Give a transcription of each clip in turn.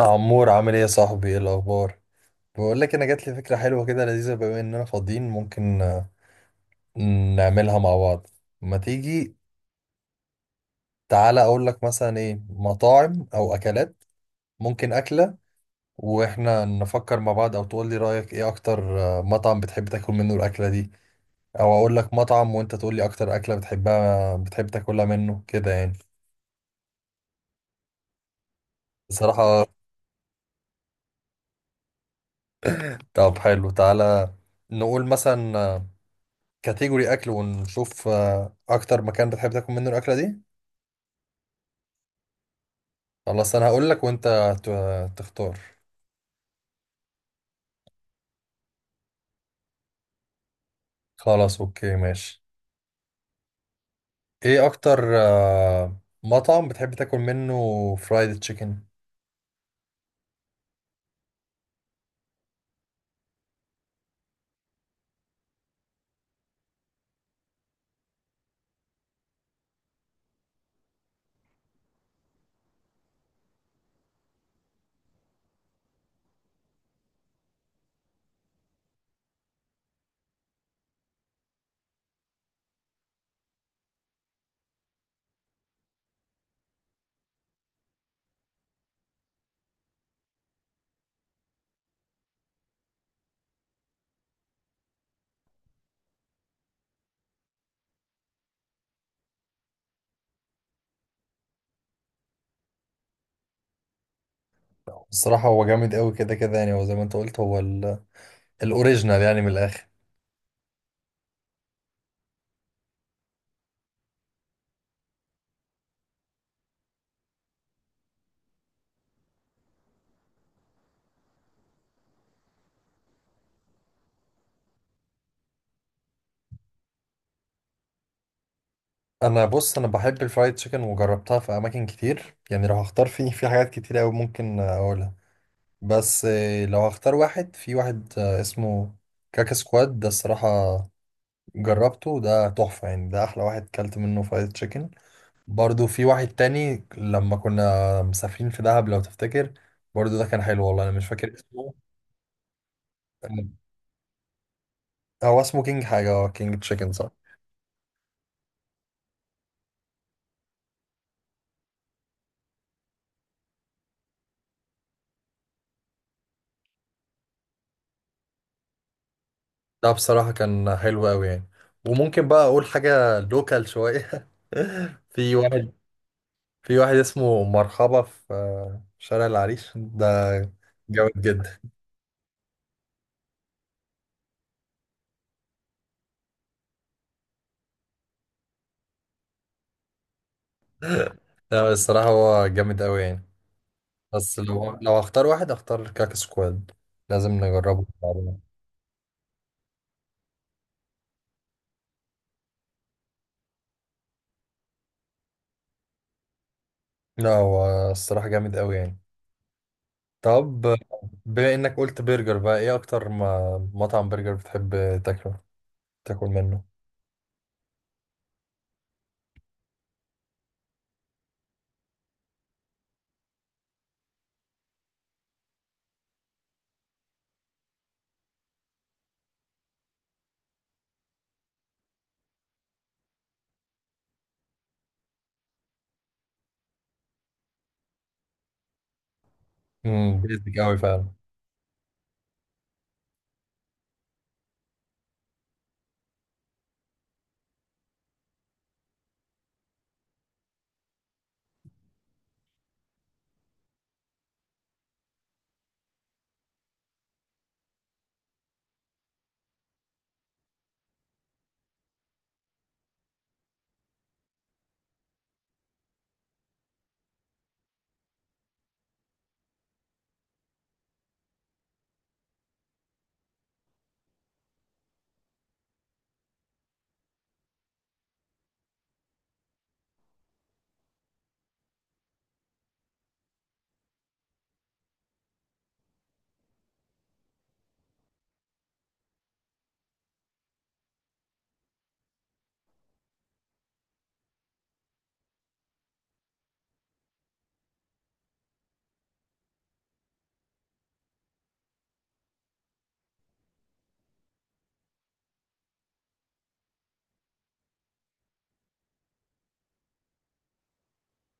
عمور، عامل ايه يا صاحبي؟ ايه الاخبار؟ بقول لك انا جات لي فكره حلوه كده لذيذه، بما اننا فاضيين ممكن نعملها مع بعض. ما تيجي؟ تعالى اقول لك مثلا ايه مطاعم او اكلات ممكن اكله واحنا نفكر مع بعض، او تقول لي رايك ايه اكتر مطعم بتحب تاكل منه الاكله دي، او اقول لك مطعم وانت تقول لي اكتر اكله بتحب تاكلها منه كده يعني. بصراحه. طب حلو، تعالى نقول مثلا كاتيجوري اكل ونشوف اكتر مكان بتحب تاكل منه الاكله دي. خلاص انا هقول لك وانت تختار. خلاص اوكي ماشي. ايه اكتر مطعم بتحب تاكل منه فرايد تشيكن؟ الصراحه هو جامد قوي كده كده يعني، هو زي ما انت قلت هو الاوريجينال يعني من الاخر. انا بص، انا بحب الفرايد تشيكن وجربتها في اماكن كتير يعني، لو هختار فيه في حاجات كتير قوي ممكن اقولها، بس لو هختار واحد في واحد اسمه كاكا سكواد ده. الصراحه جربته، ده تحفة يعني، ده أحلى واحد كلت منه فرايد تشيكن. برضو في واحد تاني لما كنا مسافرين في دهب لو تفتكر، برضو ده كان حلو والله، أنا مش فاكر اسمه آه، هو اسمه كينج حاجة، اه كينج تشيكن صح. ده بصراحة كان حلو أوي يعني، وممكن بقى أقول حاجة لوكال شوية. في واحد في واحد اسمه مرحبا في شارع العريش، ده جامد جدا. لا الصراحة هو جامد أوي يعني، بس لو هختار واحد هختار كاكا سكواد. لازم نجربه بعدين. لا هو الصراحة جامد قوي يعني. طب، بما انك قلت برجر بقى، ايه اكتر ما مطعم برجر بتحب تاكله تاكل منه؟ بيزك قوي فعلا.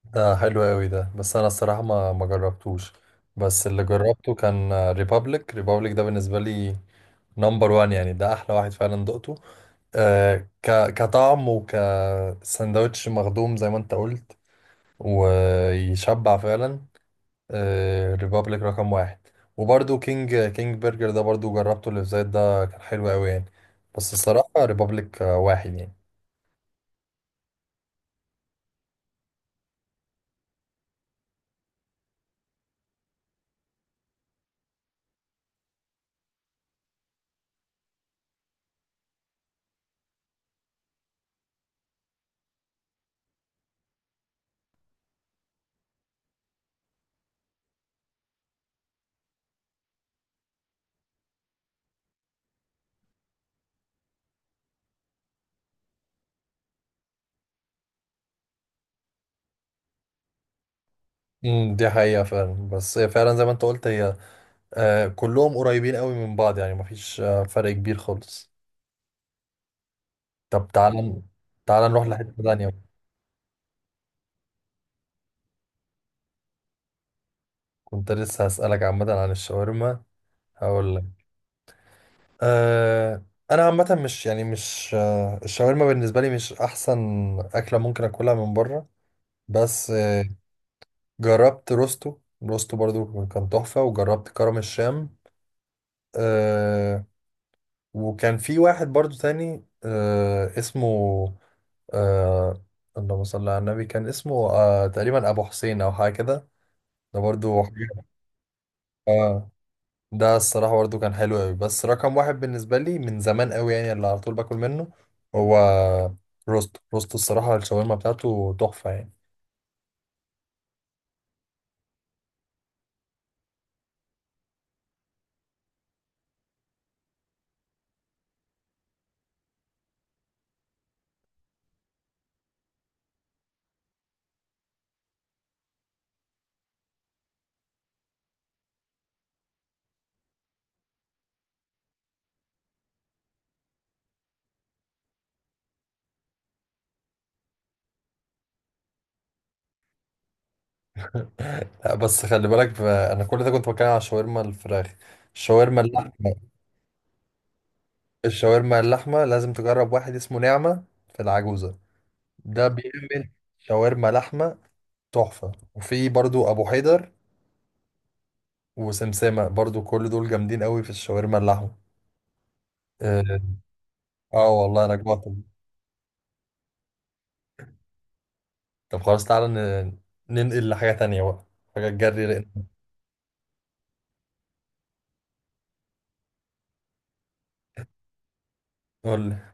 ده حلو قوي ده، بس انا الصراحة ما جربتوش، بس اللي جربته كان ريبابليك. ريبابليك ده بالنسبة لي نمبر وان يعني، ده احلى واحد فعلا دقته آه ك كطعم وكساندوتش مخدوم زي ما انت قلت، ويشبع فعلا. ريبابليك رقم واحد. وبرده كينج برجر ده برضو جربته، اللي في زايد ده كان حلو قوي يعني، بس الصراحة ريبابليك واحد يعني. دي حقيقة فعلا، بس هي فعلا زي ما انت قلت، هي كلهم قريبين قوي من بعض يعني، مفيش فرق كبير خالص. طب تعال، تعال نروح لحتة تانية. كنت لسه هسألك عامة عن الشاورما، هقول لك. أه، انا عامة مش يعني مش الشاورما بالنسبة لي مش احسن اكلة ممكن اكلها من بره، بس جربت روستو. روستو برضو كان تحفة، وجربت كرم الشام آه، وكان في واحد برضو تاني اسمه آه، اللهم صل على النبي، كان اسمه تقريبا أبو حسين أو حاجة كده، ده برضو حاجة آه، ده الصراحة برضو كان حلو أوي. بس رقم واحد بالنسبة لي من زمان أوي يعني، اللي على طول باكل منه هو روستو. روستو الصراحة الشاورما بتاعته تحفة يعني. لا بس خلي بالك انا كل ده كنت بتكلم على الشاورما الفراخ. الشاورما اللحمه، الشاورما اللحمه لازم تجرب واحد اسمه نعمه في العجوزه، ده بيعمل شاورما لحمه تحفه. وفي برضو ابو حيدر وسمسمه، برضو كل دول جامدين قوي في الشاورما اللحمه. اه. والله انا جوعت. طب خلاص تعالى ننقل لحاجه تانية بقى، حاجه تجري. قول لي.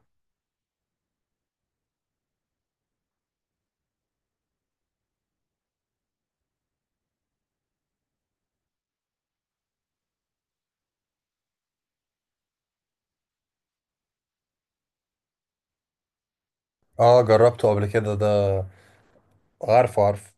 اه، جربته قبل كده ده، عارفه عارفه.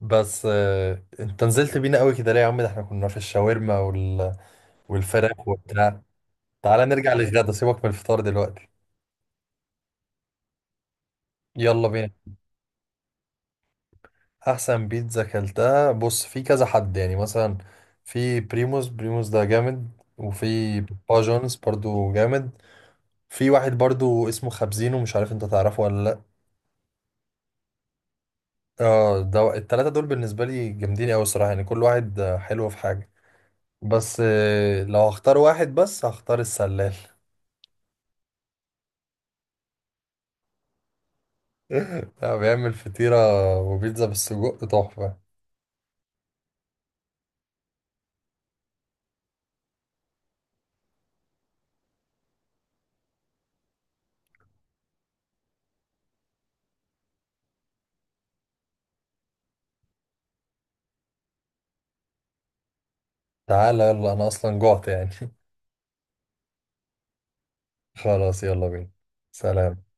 بس انت نزلت بينا قوي كده ليه يا عم؟ ده احنا كنا في الشاورما والفراخ وبتاع. تعالى نرجع للغدا، سيبك من الفطار دلوقتي. يلا بينا. احسن بيتزا اكلتها، بص في كذا حد يعني مثلا. في بريموس، بريموس ده جامد، وفي بابا جونز برضو جامد. في واحد برضو اسمه خبزينو، مش عارف انت تعرفه ولا لا. اه، ده التلاتة دول بالنسبة لي جامدين قوي الصراحة يعني، كل واحد حلو في حاجة، بس لو هختار واحد بس هختار السلال. لا، بيعمل فطيرة وبيتزا بالسجق تحفة. تعالى يلا، أنا أصلا جوعت يعني. خلاص يلا بينا. سلام.